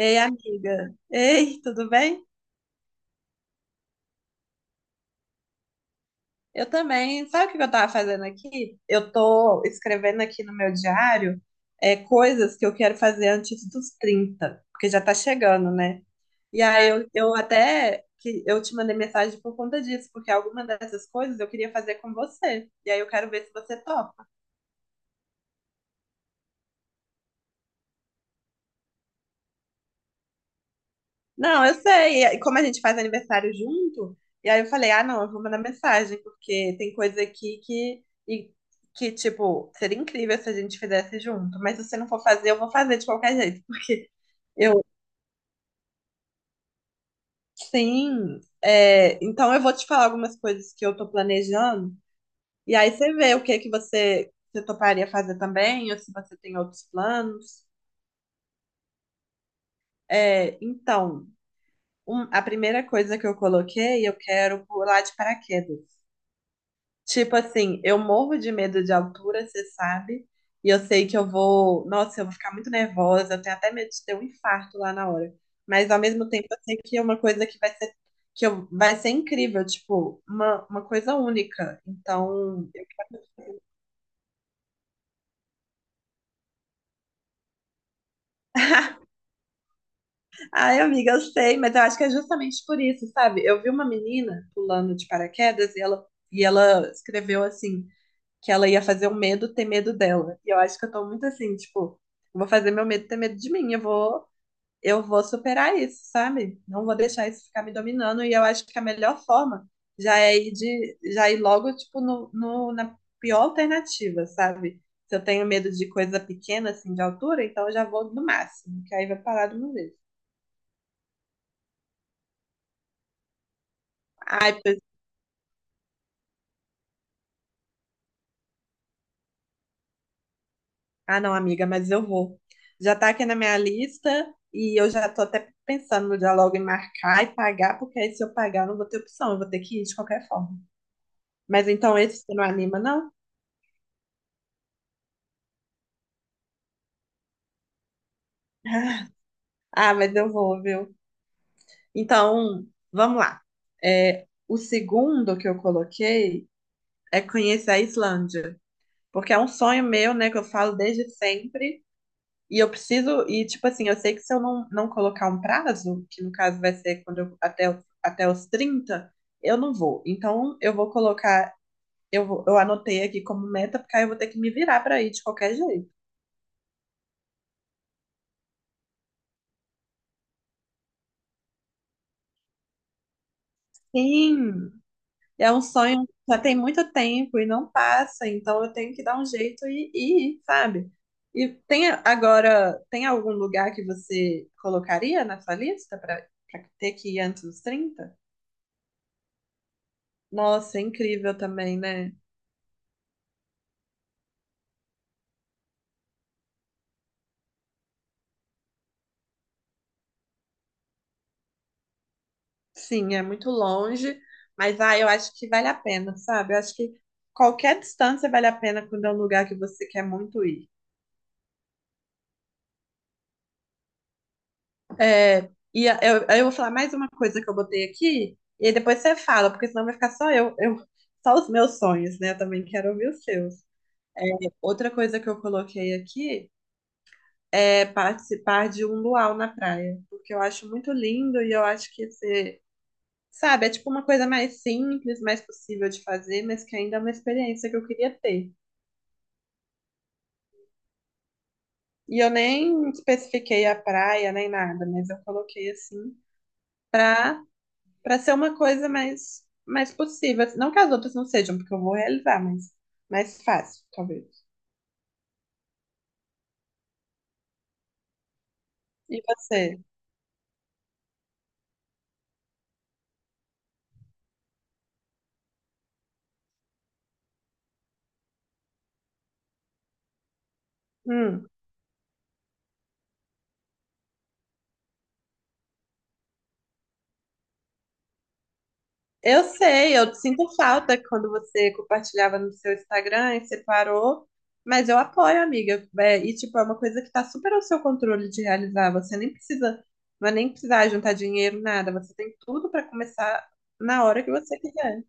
Ei, amiga. Ei, tudo bem? Eu também. Sabe o que eu tava fazendo aqui? Eu tô escrevendo aqui no meu diário coisas que eu quero fazer antes dos 30, porque já tá chegando, né? E aí eu até que eu te mandei mensagem por conta disso, porque alguma dessas coisas eu queria fazer com você. E aí eu quero ver se você topa. Não, eu sei. E como a gente faz aniversário junto, e aí eu falei, ah, não, eu vou mandar mensagem, porque tem coisa aqui tipo, seria incrível se a gente fizesse junto. Mas se você não for fazer, eu vou fazer de qualquer jeito, eu, sim. Então eu vou te falar algumas coisas que eu tô planejando, e aí você vê o que que você toparia fazer também, ou se você tem outros planos. É, então, a primeira coisa que eu coloquei, eu quero pular de paraquedas. Tipo assim, eu morro de medo de altura, você sabe? E eu sei que eu vou. Nossa, eu vou ficar muito nervosa. Eu tenho até medo de ter um infarto lá na hora. Mas ao mesmo tempo, eu sei que é uma coisa que vai ser, vai ser incrível, tipo, uma coisa única. Então. Ai, amiga, eu sei, mas eu acho que é justamente por isso, sabe? Eu vi uma menina pulando de paraquedas e ela escreveu assim que ela ia fazer o medo ter medo dela. E eu acho que eu tô muito assim, tipo, eu vou fazer meu medo ter medo de mim, eu vou superar isso, sabe? Não vou deixar isso ficar me dominando, e eu acho que a melhor forma já ir logo, tipo, no, no, na pior alternativa, sabe? Se eu tenho medo de coisa pequena, assim, de altura, então eu já vou no máximo, que aí vai parar de uma vez. Ai, Ah, não, amiga, mas eu vou. Já tá aqui na minha lista e eu já tô até pensando no diálogo em marcar e pagar, porque aí se eu pagar eu não vou ter opção, eu vou ter que ir de qualquer forma. Mas então esse você não anima, não? Ah, mas eu vou, viu? Então, vamos lá. É, o segundo que eu coloquei é conhecer a Islândia, porque é um sonho meu, né, que eu falo desde sempre. E eu preciso, e tipo assim, eu sei que se eu não colocar um prazo, que no caso vai ser quando até os 30 eu não vou. Então eu vou colocar, eu anotei aqui como meta, porque aí eu vou ter que me virar pra ir de qualquer jeito. Sim, é um sonho que já tem muito tempo e não passa, então eu tenho que dar um jeito e ir, sabe? E agora, tem algum lugar que você colocaria na sua lista pra ter que ir antes dos trinta. Nossa, é incrível também, né? Sim, é muito longe, mas ah, eu acho que vale a pena, sabe? Eu acho que qualquer distância vale a pena quando é um lugar que você quer muito ir. É, e eu vou falar mais uma coisa que eu botei aqui, e aí depois você fala, porque senão vai ficar só só os meus sonhos, né? Eu também quero ouvir os seus. Outra coisa que eu coloquei aqui é participar de um luau na praia, porque eu acho muito lindo e eu acho sabe, é tipo uma coisa mais simples, mais possível de fazer, mas que ainda é uma experiência que eu queria ter. E eu nem especifiquei a praia nem nada, mas eu coloquei assim pra, pra ser uma coisa mais, mais possível. Não que as outras não sejam, porque eu vou realizar, mas mais fácil, talvez. E você? Hum, eu sei, eu sinto falta quando você compartilhava no seu Instagram e você parou, mas eu apoio, amiga. É, e tipo, é uma coisa que tá super ao seu controle de realizar. Você nem precisa, vai nem precisar juntar dinheiro, nada. Você tem tudo pra começar na hora que você quiser.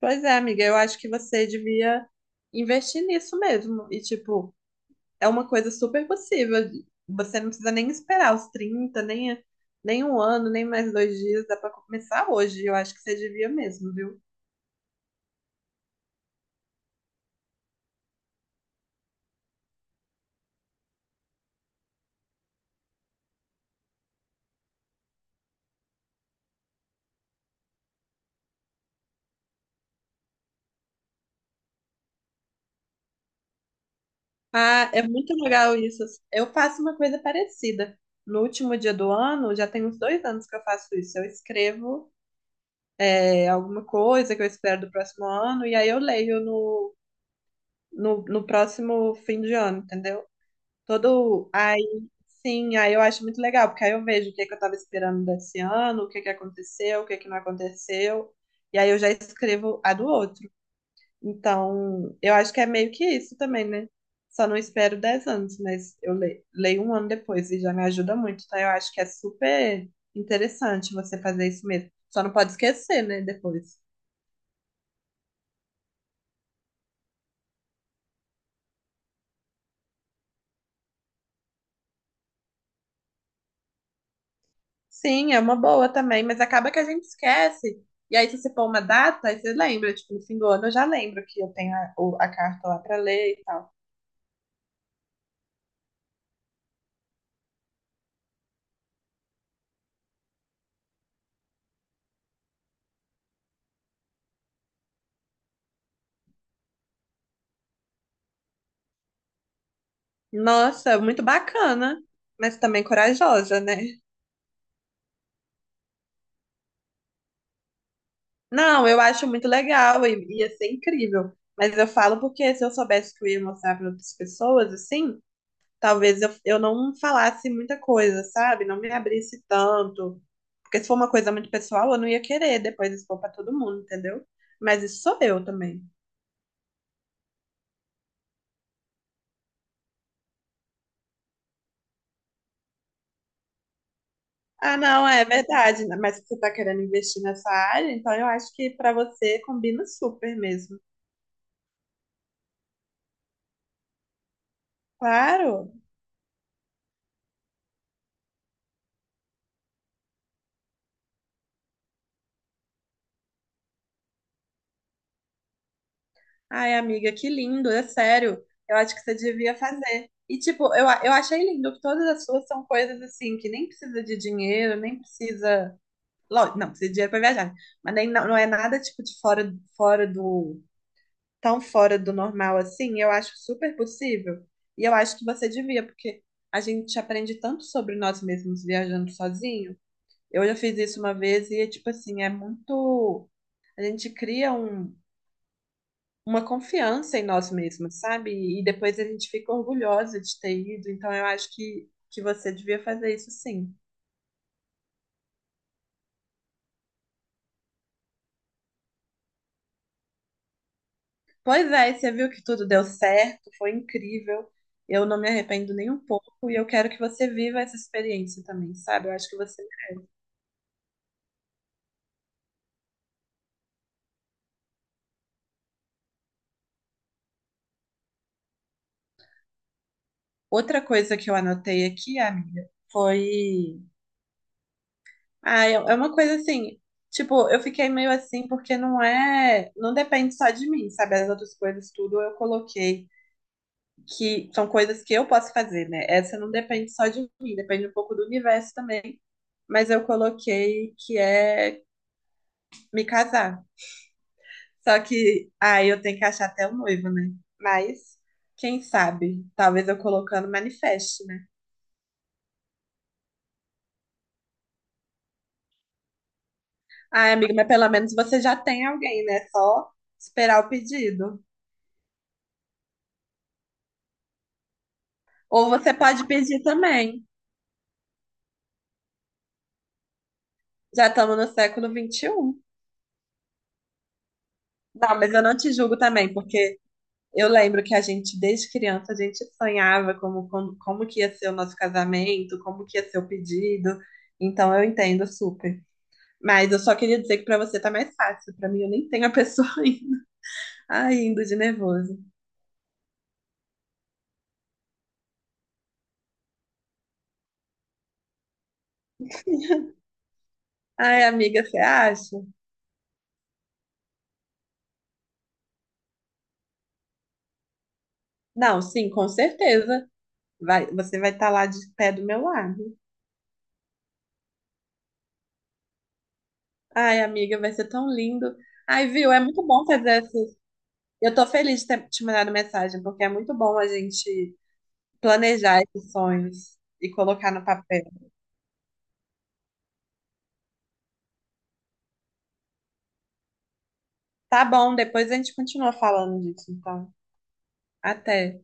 Pois é, amiga, eu acho que você devia investir nisso mesmo. E, tipo, é uma coisa super possível. Você não precisa nem esperar os 30 nem, nem um ano, nem mais dois dias. Dá pra começar hoje. Eu acho que você devia mesmo, viu? Ah, é muito legal isso. Eu faço uma coisa parecida. No último dia do ano, já tem uns dois anos que eu faço isso. Eu escrevo, é, alguma coisa que eu espero do próximo ano, e aí eu leio no próximo fim de ano, entendeu? Todo. Aí, sim, aí eu acho muito legal, porque aí eu vejo o que é que eu estava esperando desse ano, o que é que aconteceu, o que é que não aconteceu, e aí eu já escrevo a do outro. Então, eu acho que é meio que isso também, né? Só não espero 10 anos, mas eu leio um ano depois e já me ajuda muito. Então, eu acho que é super interessante você fazer isso mesmo. Só não pode esquecer, né? Depois. Sim, é uma boa também, mas acaba que a gente esquece. E aí, se você pôr uma data, aí você lembra, tipo, no fim do ano eu já lembro que eu tenho a carta lá pra ler e tal. Nossa, muito bacana, mas também corajosa, né? Não, eu acho muito legal e ia ser incrível. Mas eu falo porque se eu soubesse que eu ia mostrar para outras pessoas, assim, talvez eu não falasse muita coisa, sabe? Não me abrisse tanto. Porque se for uma coisa muito pessoal, eu não ia querer depois expor para todo mundo, entendeu? Mas isso sou eu também. Ah, não, é verdade, né? Mas se você está querendo investir nessa área, então eu acho que para você combina super mesmo. Claro. Ai, amiga, que lindo, é sério. Eu acho que você devia fazer. E tipo, eu achei lindo que todas as suas são coisas assim que nem precisa de dinheiro, nem precisa, lógico, não, precisa de dinheiro para viajar, mas nem não, não é nada tipo de fora fora do tão fora do normal assim. Eu acho super possível. E eu acho que você devia, porque a gente aprende tanto sobre nós mesmos viajando sozinho. Eu já fiz isso uma vez e é tipo assim, é muito. A gente cria uma confiança em nós mesmos, sabe? E depois a gente fica orgulhosa de ter ido. Então eu acho que você devia fazer isso sim. Pois é, você viu que tudo deu certo, foi incrível. Eu não me arrependo nem um pouco e eu quero que você viva essa experiência também, sabe? Eu acho que você. Outra coisa que eu anotei aqui, amiga, foi, ah, é uma coisa assim, tipo, eu fiquei meio assim porque não depende só de mim, sabe? As outras coisas tudo eu coloquei que são coisas que eu posso fazer, né? Essa não depende só de mim, depende um pouco do universo também, mas eu coloquei que é me casar. Só que aí eu tenho que achar até o noivo, né? Mas quem sabe? Talvez eu colocando manifeste, né? Ai, amiga, mas pelo menos você já tem alguém, né? Só esperar o pedido. Ou você pode pedir também. Já estamos no século XXI. Não, mas eu não te julgo também, porque eu lembro que a gente, desde criança, a gente sonhava como que ia ser o nosso casamento, como que ia ser o pedido. Então eu entendo super. Mas eu só queria dizer que para você tá mais fácil. Para mim, eu nem tenho a pessoa ainda. Ai, indo de nervoso. Ai, amiga, você acha? Não, sim, com certeza. Vai, você vai estar lá de pé do meu lado. Ai, amiga, vai ser tão lindo. Ai, viu? É muito bom fazer. Eu tô feliz de ter te mandado mensagem, porque é muito bom a gente planejar esses sonhos e colocar no papel. Tá bom, depois a gente continua falando disso, então. Até.